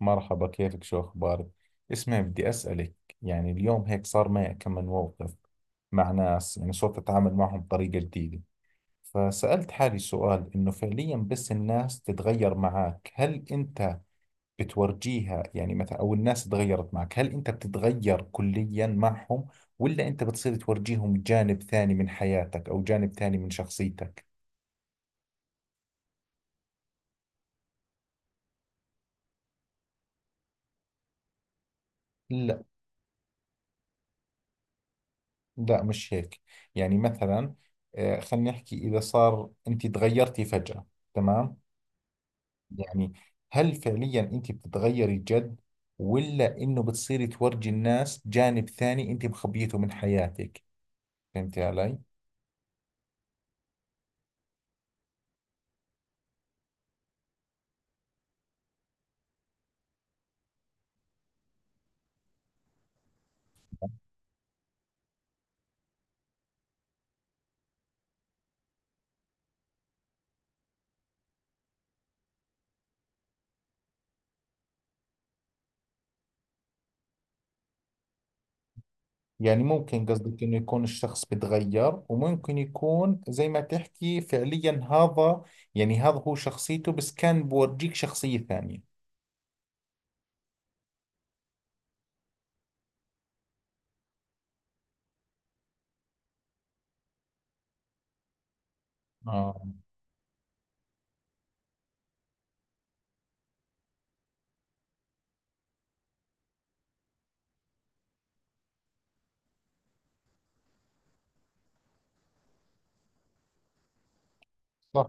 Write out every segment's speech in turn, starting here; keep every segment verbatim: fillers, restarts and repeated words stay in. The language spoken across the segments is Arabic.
مرحبا، كيفك؟ شو أخبارك؟ اسمعي، بدي أسألك. يعني اليوم هيك صار معي كم من موقف مع ناس. يعني صرت أتعامل معهم بطريقة جديدة، فسألت حالي سؤال إنه فعليا بس الناس تتغير معك هل أنت بتورجيها، يعني مثلا، أو الناس تغيرت معك هل أنت بتتغير كليا معهم ولا أنت بتصير تورجيهم جانب ثاني من حياتك أو جانب ثاني من شخصيتك؟ لا، مش هيك. يعني مثلا، آه، خلينا نحكي إذا صار أنت تغيرتي فجأة. تمام. يعني هل فعليا أنت بتتغيري جد، ولا إنه بتصيري تورجي الناس جانب ثاني أنت مخبيته من حياتك؟ فهمتي علي؟ يعني ممكن قصدك إنه يكون الشخص بتغير، وممكن يكون زي ما تحكي فعليا هذا. يعني هذا هو شخصيته، بس كان بورجيك شخصية ثانية. آه، صح.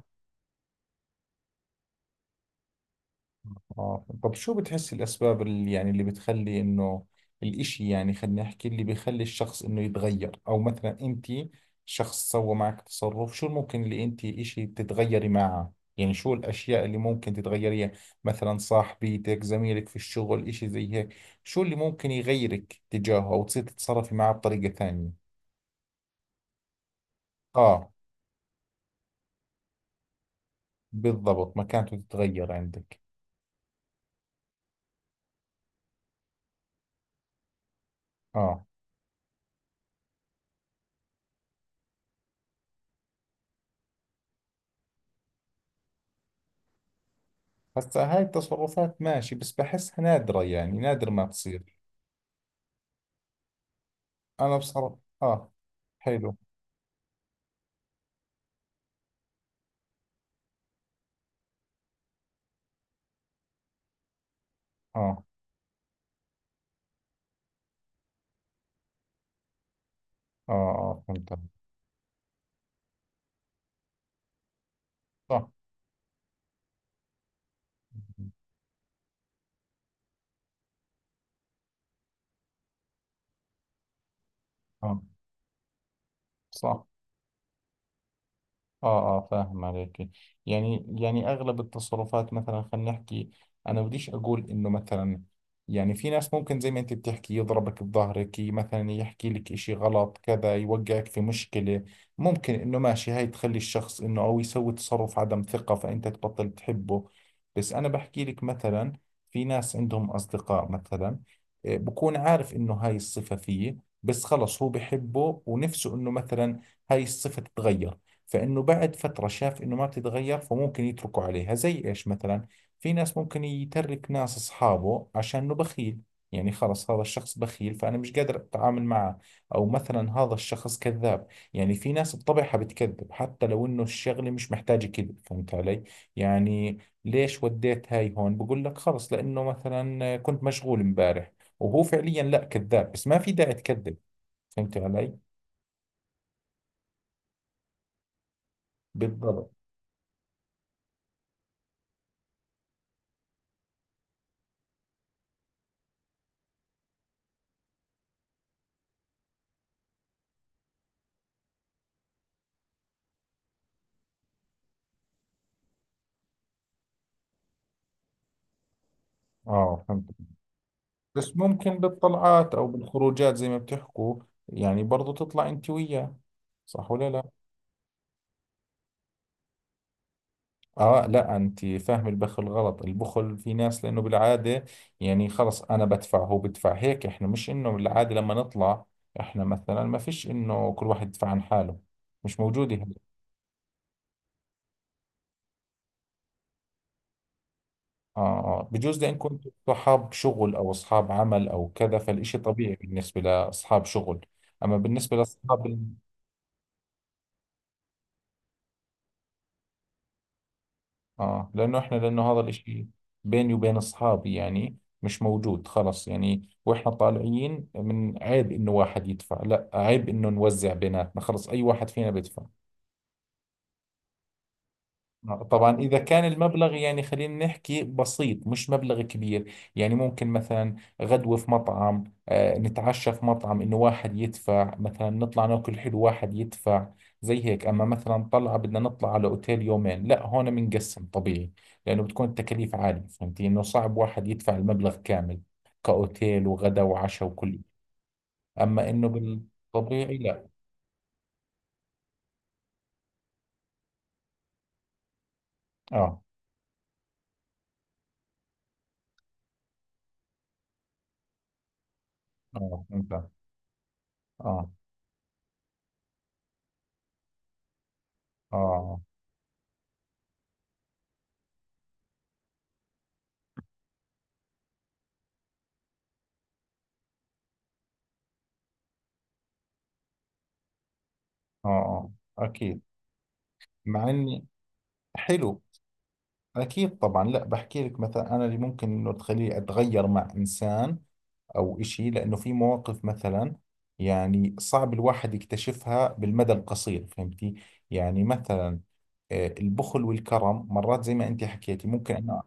آه. طب شو بتحس الأسباب اللي يعني اللي بتخلي إنه الإشي، يعني خلينا نحكي اللي بيخلي الشخص إنه يتغير؟ أو مثلا أنت شخص سوى معك تصرف، شو الممكن اللي أنت إشي تتغيري معه؟ يعني شو الأشياء اللي ممكن تتغيريها؟ مثلا صاحبيتك، زميلك في الشغل، إشي زي هيك. شو اللي ممكن يغيرك تجاهه، أو تصير تتصرفي معه بطريقة ثانية؟ آه، بالضبط، مكانته تتغير عندك. آه. هسا هاي التصرفات ماشي، بس بحسها نادرة، يعني نادر ما تصير. انا بصراحة اه. حلو. اه، اه، اه، فهمت. صح. اه، صح. اه، اه، فاهم عليك. يعني يعني اغلب التصرفات، مثلا خلينا نحكي، انا بديش اقول انه مثلا، يعني في ناس ممكن زي ما انت بتحكي يضربك بظهرك، ي- مثلا يحكي لك اشي غلط كذا، يوقعك في مشكلة. ممكن انه ماشي هاي تخلي الشخص انه او يسوي تصرف عدم ثقة فانت تبطل تحبه. بس انا بحكي لك مثلا، في ناس عندهم اصدقاء مثلا، آه، بكون عارف انه هاي الصفة فيه، بس خلص هو بحبه ونفسه انه مثلا هاي الصفة تتغير. فإنه بعد فترة شاف إنه ما بتتغير، فممكن يتركوا عليها. زي إيش مثلا؟ في ناس ممكن يترك ناس أصحابه عشان إنه بخيل، يعني خلص هذا الشخص بخيل فأنا مش قادر أتعامل معه. أو مثلا هذا الشخص كذاب، يعني في ناس بطبعها بتكذب حتى لو إنه الشغلة مش محتاجة كذب. فهمت علي؟ يعني ليش وديت هاي، هون بقول لك خلص لأنه مثلا كنت مشغول امبارح، وهو فعليا لا، كذاب، بس ما في داعي تكذب. فهمت علي؟ بالضبط. اه، فهمت. بس ممكن بالطلعات أو بالخروجات، زي ما بتحكوا، يعني برضو تطلع أنت وياه، صح ولا لا؟ آه لا، أنت فاهم البخل غلط. البخل في ناس، لأنه بالعادة، يعني خلص أنا بدفع، هو بدفع، هيك. إحنا مش إنه بالعادة لما نطلع، إحنا مثلا، ما فيش إنه كل واحد يدفع عن حاله، مش موجودة هلا. آه، آه، بجوز لأن كنتوا صحاب شغل أو أصحاب عمل أو كذا، فالإشي طبيعي بالنسبة لأصحاب شغل. أما بالنسبة لأصحاب، اه لانه احنا، لانه هذا الاشي بيني وبين اصحابي، يعني مش موجود خلص. يعني واحنا طالعين، من عيب انه واحد يدفع، لا عيب انه نوزع بيناتنا، خلص اي واحد فينا بيدفع. آه، طبعا إذا كان المبلغ يعني خلينا نحكي بسيط، مش مبلغ كبير، يعني ممكن مثلا غدوة في مطعم، آه، نتعشى في مطعم، إنه واحد يدفع مثلا. نطلع ناكل حلو، واحد يدفع زي هيك. أما مثلا طلعة بدنا نطلع على أوتيل يومين، لا هون بنقسم طبيعي، لأنه بتكون التكاليف عالية. فهمتي إنه صعب واحد يدفع المبلغ كامل، كأوتيل وغدا وعشاء وكل. أما إنه بالطبيعي، لا. آه، آه فهمت. آه. آه. آه. آه، آه، أكيد. مع اني، حلو. أكيد طبعا. لا بحكي لك مثلا، أنا اللي ممكن إنه تخليني أتغير مع إنسان أو إشي، لأنه في مواقف مثلا يعني صعب الواحد يكتشفها بالمدى القصير. فهمتي؟ يعني مثلا، آه، البخل والكرم، مرات زي ما أنت حكيتي، ممكن أنا،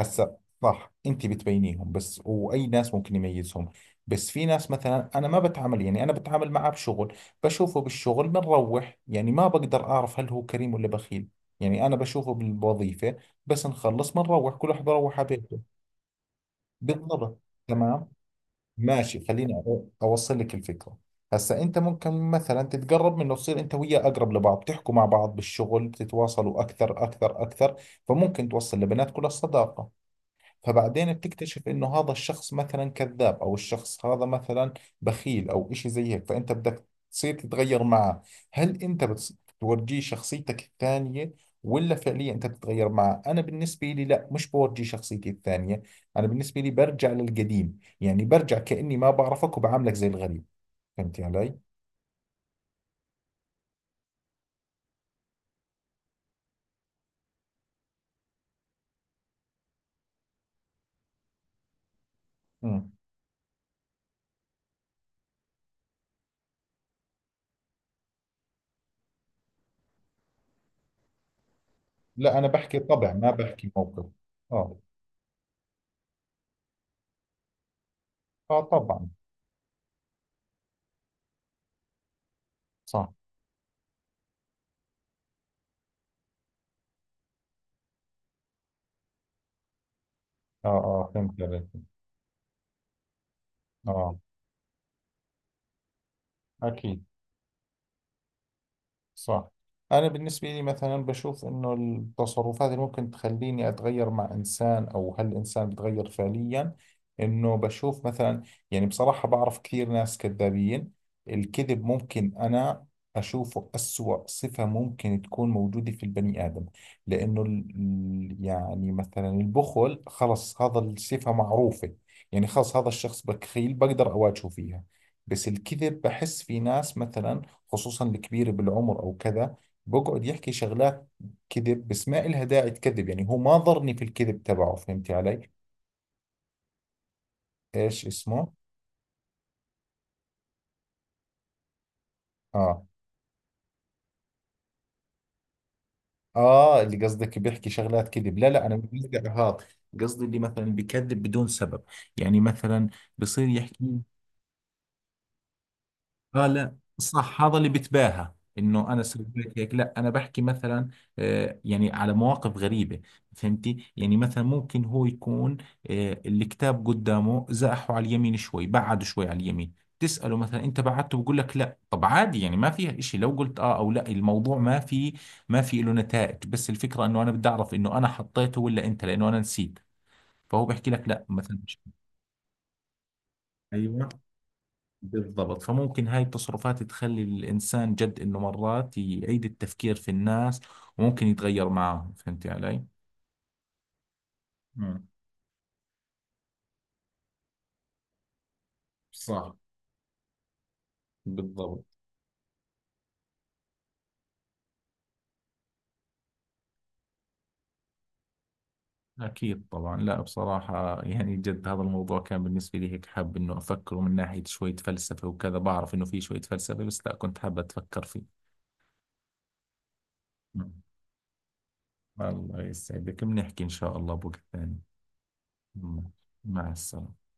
هسا، صح انت بتبينيهم، بس واي ناس ممكن يميزهم. بس في ناس مثلا انا ما بتعامل، يعني انا بتعامل معه بشغل، بشوفه بالشغل بنروح، يعني ما بقدر اعرف هل هو كريم ولا بخيل، يعني انا بشوفه بالوظيفة بس، نخلص بنروح كل واحد بروح على بيته. بالضبط. تمام. ماشي، خليني أ- اوصل لك الفكرة. هسا انت ممكن مثلا تتقرب منه، تصير انت وياه اقرب لبعض، بتحكوا مع بعض بالشغل، بتتواصلوا اكثر اكثر اكثر، فممكن توصل لبنات كل الصداقة. فبعدين بتكتشف انه هذا الشخص مثلا كذاب، او الشخص هذا مثلا بخيل او اشي زي هيك، فانت بدك تصير تتغير معه. هل انت بتس- بتورجيه شخصيتك الثانية، ولا فعليا انت بتتغير معه؟ انا بالنسبة لي لا، مش بورجي شخصيتي الثانية. انا بالنسبة لي برجع للقديم، يعني برجع كأني ما بعرفك، وبعاملك زي الغريب. فهمتي علي؟ امم. لا انا بحكي طبع، ما بحكي موقف. اه، اه طبعا. صح. اه، اه فهمت عليك. اه، اكيد. صح. أنا بالنسبة لي مثلا بشوف إنه التصرفات اللي ممكن تخليني أتغير مع إنسان، أو هل الإنسان بيتغير فعليا، إنه بشوف مثلا، يعني بصراحة بعرف كثير ناس كذابين. الكذب ممكن أنا أشوفه أسوأ صفة ممكن تكون موجودة في البني آدم. لأنه ال- ال- يعني مثلا البخل خلص هذا الصفة معروفة، يعني خلص هذا الشخص بخيل، بقدر أواجهه فيها. بس الكذب بحس في ناس مثلا، خصوصا الكبير بالعمر او كذا، بقعد يحكي شغلات كذب، بس ما إلها داعي تكذب. يعني هو ما ضرني في الكذب تبعه. فهمتي علي؟ ايش اسمه؟ اه. اه اللي قصدك بيحكي شغلات كذب، لا لا انا مش قصدي اهات. قصدي اللي مثلا بيكذب بدون سبب، يعني مثلا بصير يحكي، اه لا صح، هذا اللي بتباهى انه انا سويت لك هيك. لا انا بحكي مثلا، آه يعني على مواقف غريبه. فهمتي؟ يعني مثلا ممكن هو يكون، آه الكتاب قدامه، زاحه على اليمين شوي، بعده شوي على اليمين، تساله مثلا انت بعدته، بقول لك لا. طب عادي، يعني ما فيها إشي لو قلت اه او لا، الموضوع ما في، ما في له نتائج. بس الفكره انه انا بدي اعرف انه انا حطيته ولا انت، لانه انا نسيت. فهو بحكي لك لا مثلا. ايوه، بالضبط. فممكن هاي التصرفات تخلي الإنسان جد إنه مرات يعيد التفكير في الناس، وممكن يتغير معهم. فهمت علي؟ مم. صح. بالضبط. أكيد طبعا. لا بصراحة يعني جد هذا الموضوع كان بالنسبة لي هيك، حاب إنه أفكره من ناحية شوية فلسفة وكذا. بعرف إنه في شوية فلسفة، بس لا كنت حابة أتفكر فيه. مم. الله يسعدك، بنحكي إن شاء الله بوقت ثاني. مم. مع السلامة.